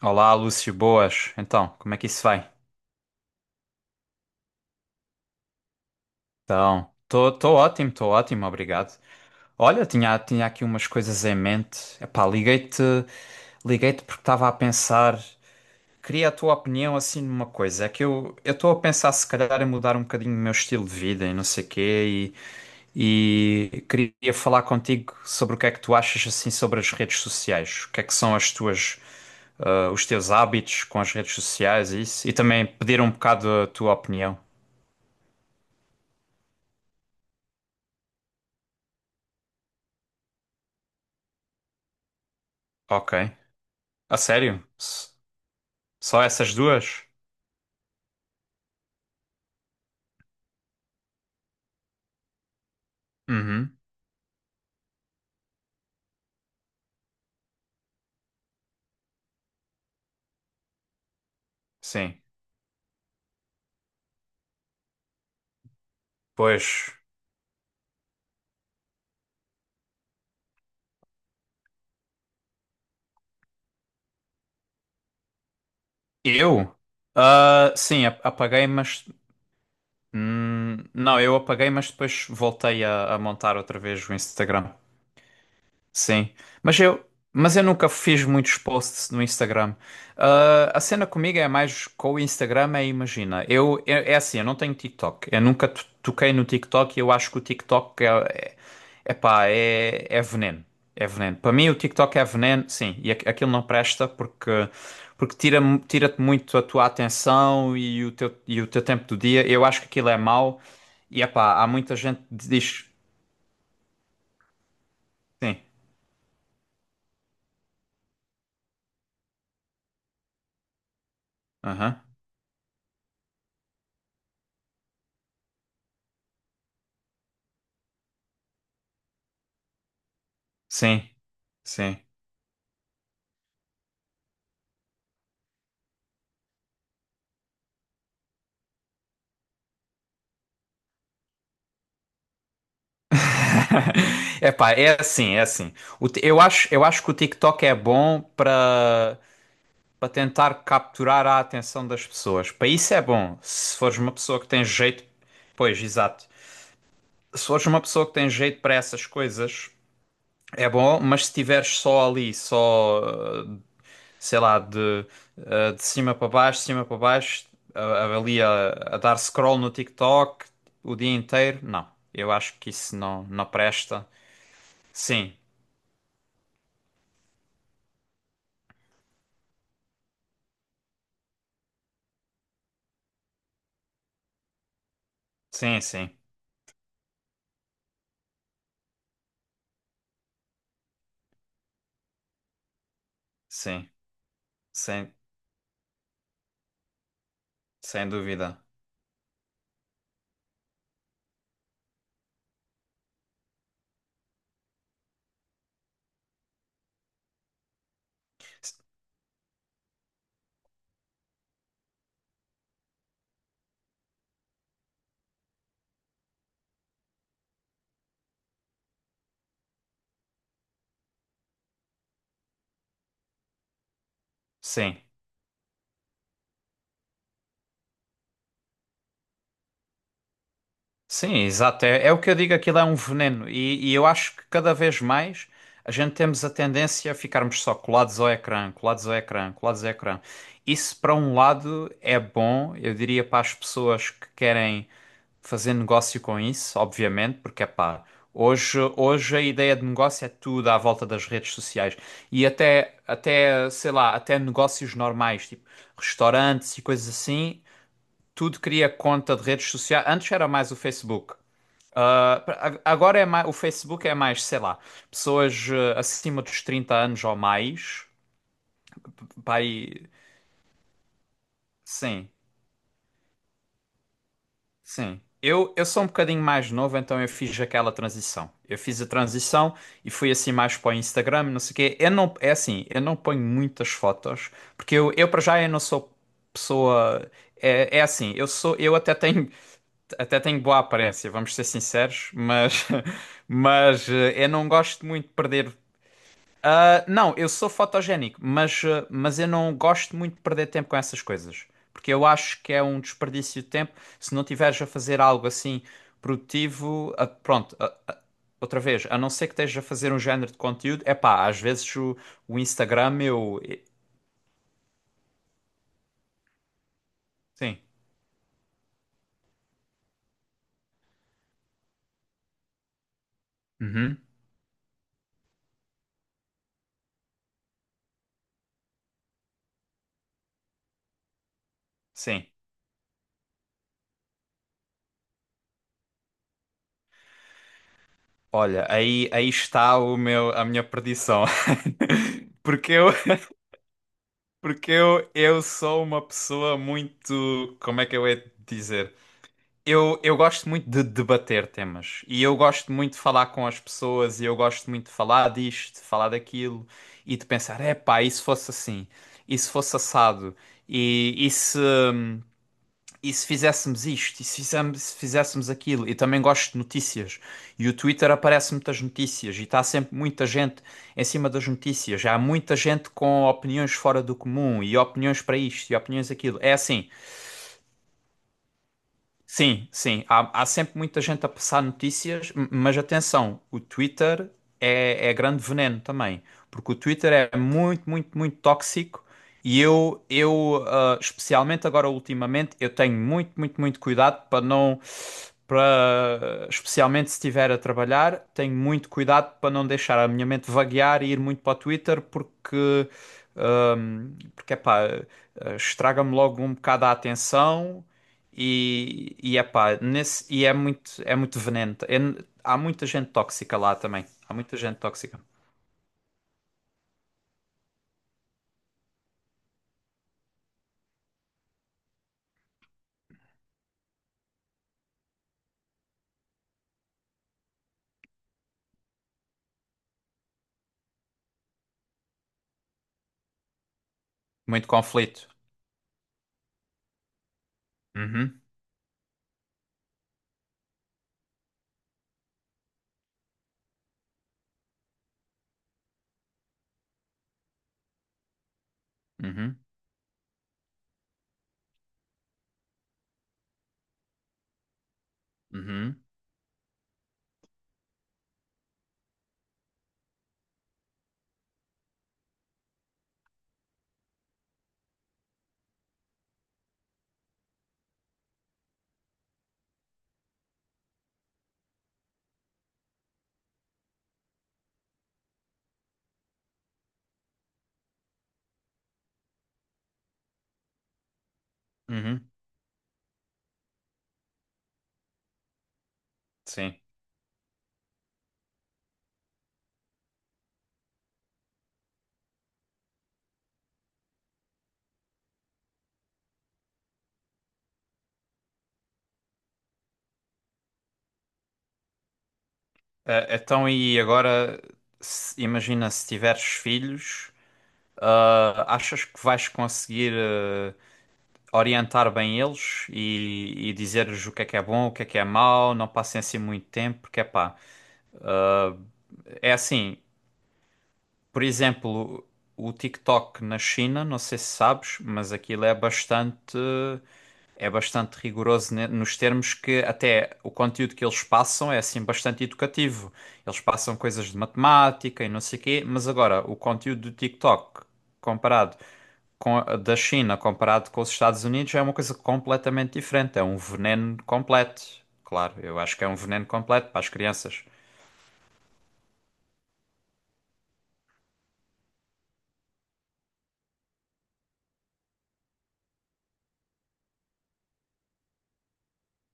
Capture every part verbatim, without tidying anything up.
Olá, Lúcio, boas. Então, como é que isso vai? Então, estou ótimo, estou ótimo, obrigado. Olha, tinha, tinha aqui umas coisas em mente. Epá, liguei-te, liguei-te porque estava a pensar, queria a tua opinião assim numa coisa. É que eu eu estou a pensar se calhar em mudar um bocadinho o meu estilo de vida e não sei quê e, e queria falar contigo sobre o que é que tu achas assim sobre as redes sociais. O que é que são as tuas ah, os teus hábitos com as redes sociais e isso, e também pedir um bocado a tua opinião. Ok. A sério? S- Só essas duas? Uhum. Sim. Pois. Eu? Ah, sim, ap- apaguei, mas. Hum, não, eu apaguei, mas depois voltei a, a montar outra vez o Instagram. Sim, mas eu, mas eu nunca fiz muitos posts no Instagram. Ah, a cena comigo é mais com o Instagram, é imagina. Eu, é, é assim, eu não tenho TikTok. Eu nunca to- toquei no TikTok e eu acho que o TikTok é, é, epá, é, é veneno. É veneno. Para mim, o TikTok é veneno, sim, e aqu- aquilo não presta porque, porque tira, tira-te muito a tua atenção e o teu, e o teu tempo do dia. Eu acho que aquilo é mau e epá, há muita gente que diz. Sim, aham, sim, sim. É pá, é assim, é assim. O ti- eu acho, eu acho que o TikTok é bom para para tentar capturar a atenção das pessoas. Para isso é bom. Se fores uma pessoa que tem jeito, pois, exato. Se fores uma pessoa que tem jeito para essas coisas, é bom, mas se estiveres só ali, só, eh, sei lá, de, eh, de cima para baixo, de cima para baixo, a- a- ali a, a dar scroll no TikTok o dia inteiro, não. Eu acho que isso não, não presta. Sim. Sim, sim, sim, sem, sem dúvida. S- Sim. Sim, exato. É, é o que eu digo, aquilo é um veneno. E, e eu acho que cada vez mais a gente temos a tendência a ficarmos só colados ao ecrã, colados ao ecrã, colados ao ecrã. Isso, para um lado, é bom, eu diria para as pessoas que querem fazer negócio com isso, obviamente, porque é pá, hoje, hoje a ideia de negócio é tudo à volta das redes sociais. E até, até, sei lá, até negócios normais, tipo restaurantes e coisas assim, tudo cria conta de redes sociais. Antes era mais o Facebook. Ah, pra- agora é mais, o Facebook é mais, sei lá, pessoas eh, acima dos trinta anos ou mais. Pai, sim, sim. Eu, eu sou um bocadinho mais novo, então eu fiz aquela transição. Eu fiz a transição e fui assim mais para o Instagram, não sei o quê. Eu não, é assim, eu não ponho muitas fotos, porque eu, eu para já eu não sou pessoa. É, é assim, eu sou, eu até tenho, até tenho boa aparência, vamos ser sinceros, mas, mas eh, eu não gosto muito de perder Ah, não, eu sou fotogénico, mas, ah, mas eu não gosto muito de perder tempo com essas coisas. Porque eu acho que é um desperdício de tempo se não tiveres a fazer algo assim produtivo. Ah, pronto, ah, ah, outra vez, a não ser que estejas a fazer um género de conteúdo, é pá, às vezes o, o Instagram eu. e- Sim. Uhum, sim. Olha, aí, aí está o meu, a minha perdição. Porque eu, porque eu, eu sou uma pessoa muito. Como é que eu ia dizer? Eu, eu gosto muito de debater temas e eu gosto muito de falar com as pessoas e eu gosto muito de falar disto, de falar daquilo e de pensar, é epá, e se fosse assim? E se fosse assado? E, e se, e se fizéssemos isto? E se fizéssemos, se fizéssemos aquilo? E também gosto de notícias e o Twitter aparece muitas notícias e está sempre muita gente em cima das notícias. Já há muita gente com opiniões fora do comum e opiniões para isto e opiniões aquilo. É assim. Sim, sim. Há, há sempre muita gente a passar notícias, m- mas atenção, o Twitter é, é grande veneno também, porque o Twitter é muito, muito, muito tóxico e eu, eu ah, especialmente agora ultimamente, eu tenho muito, muito, muito cuidado para não, para, especialmente se estiver a trabalhar, tenho muito cuidado para não deixar a minha mente vaguear e ir muito para o Twitter, porque Ahm, porque, epá, eh, estraga-me logo um bocado a atenção e, e, epá, nesse, e é muito, é muito veneno. É n- há muita gente tóxica lá também. Há muita gente tóxica. Muito conflito. Uhum, uhum, uhum, uhum, sim. Eh, então, e agora, se- imagina se tiveres filhos, ah, achas que vais conseguir. eh, orientar bem eles e, e dizer-lhes o que é que é bom, o que é que é mau, não passem assim muito tempo, porque é pá. É assim, por exemplo, o TikTok na China, não sei se sabes, mas aquilo é bastante, é bastante rigoroso ne- nos termos que até o conteúdo que eles passam é assim bastante educativo. Eles passam coisas de matemática e não sei o quê, mas agora o conteúdo do TikTok comparado com a- da China comparado com os Estados Unidos é uma coisa completamente diferente. É um veneno completo. Claro, eu acho que é um veneno completo para as crianças.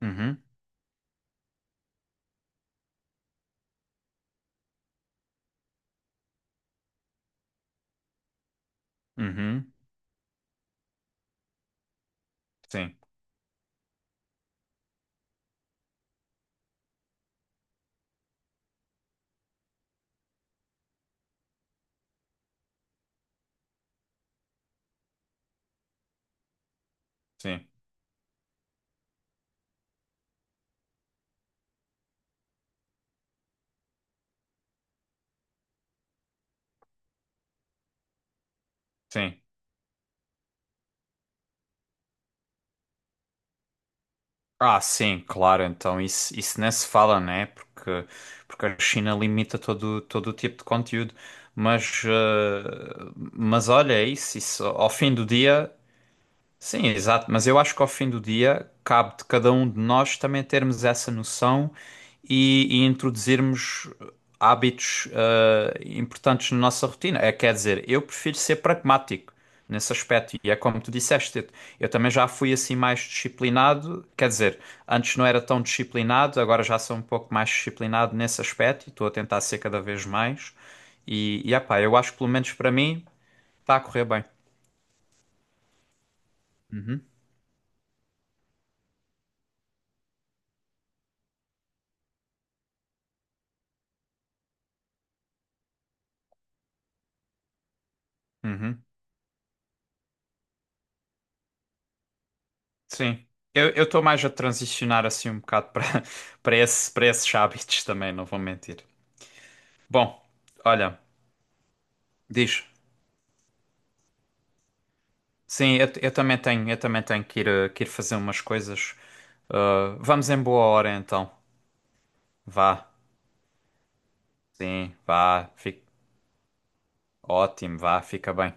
Uhum, uhum, sim, sim, sim. Ah, sim, claro, então isso, isso nem se fala, né? Porque, porque a China limita todo, todo o tipo de conteúdo. Mas, eh, mas olha, é isso, isso. Ao fim do dia. Sim, exato, mas eu acho que ao fim do dia cabe de cada um de nós também termos essa noção e, e introduzirmos hábitos eh, importantes na nossa rotina. É, quer dizer, eu prefiro ser pragmático nesse aspecto e é como tu disseste, eu também já fui assim mais disciplinado, quer dizer, antes não era tão disciplinado, agora já sou um pouco mais disciplinado nesse aspecto e estou a tentar ser cada vez mais e, e epá, eu acho que pelo menos para mim está a correr bem. Uhum. Sim. Eu, eu estou mais a transicionar assim um bocado para para esse, para esses hábitos também, não vou mentir. Bom, olha, diz. Sim, eu, eu também tenho, eu também tenho que ir, eh, que ir fazer umas coisas. Ah, vamos em boa hora então. Vá. Sim, vá. Fica ótimo, vá, fica bem.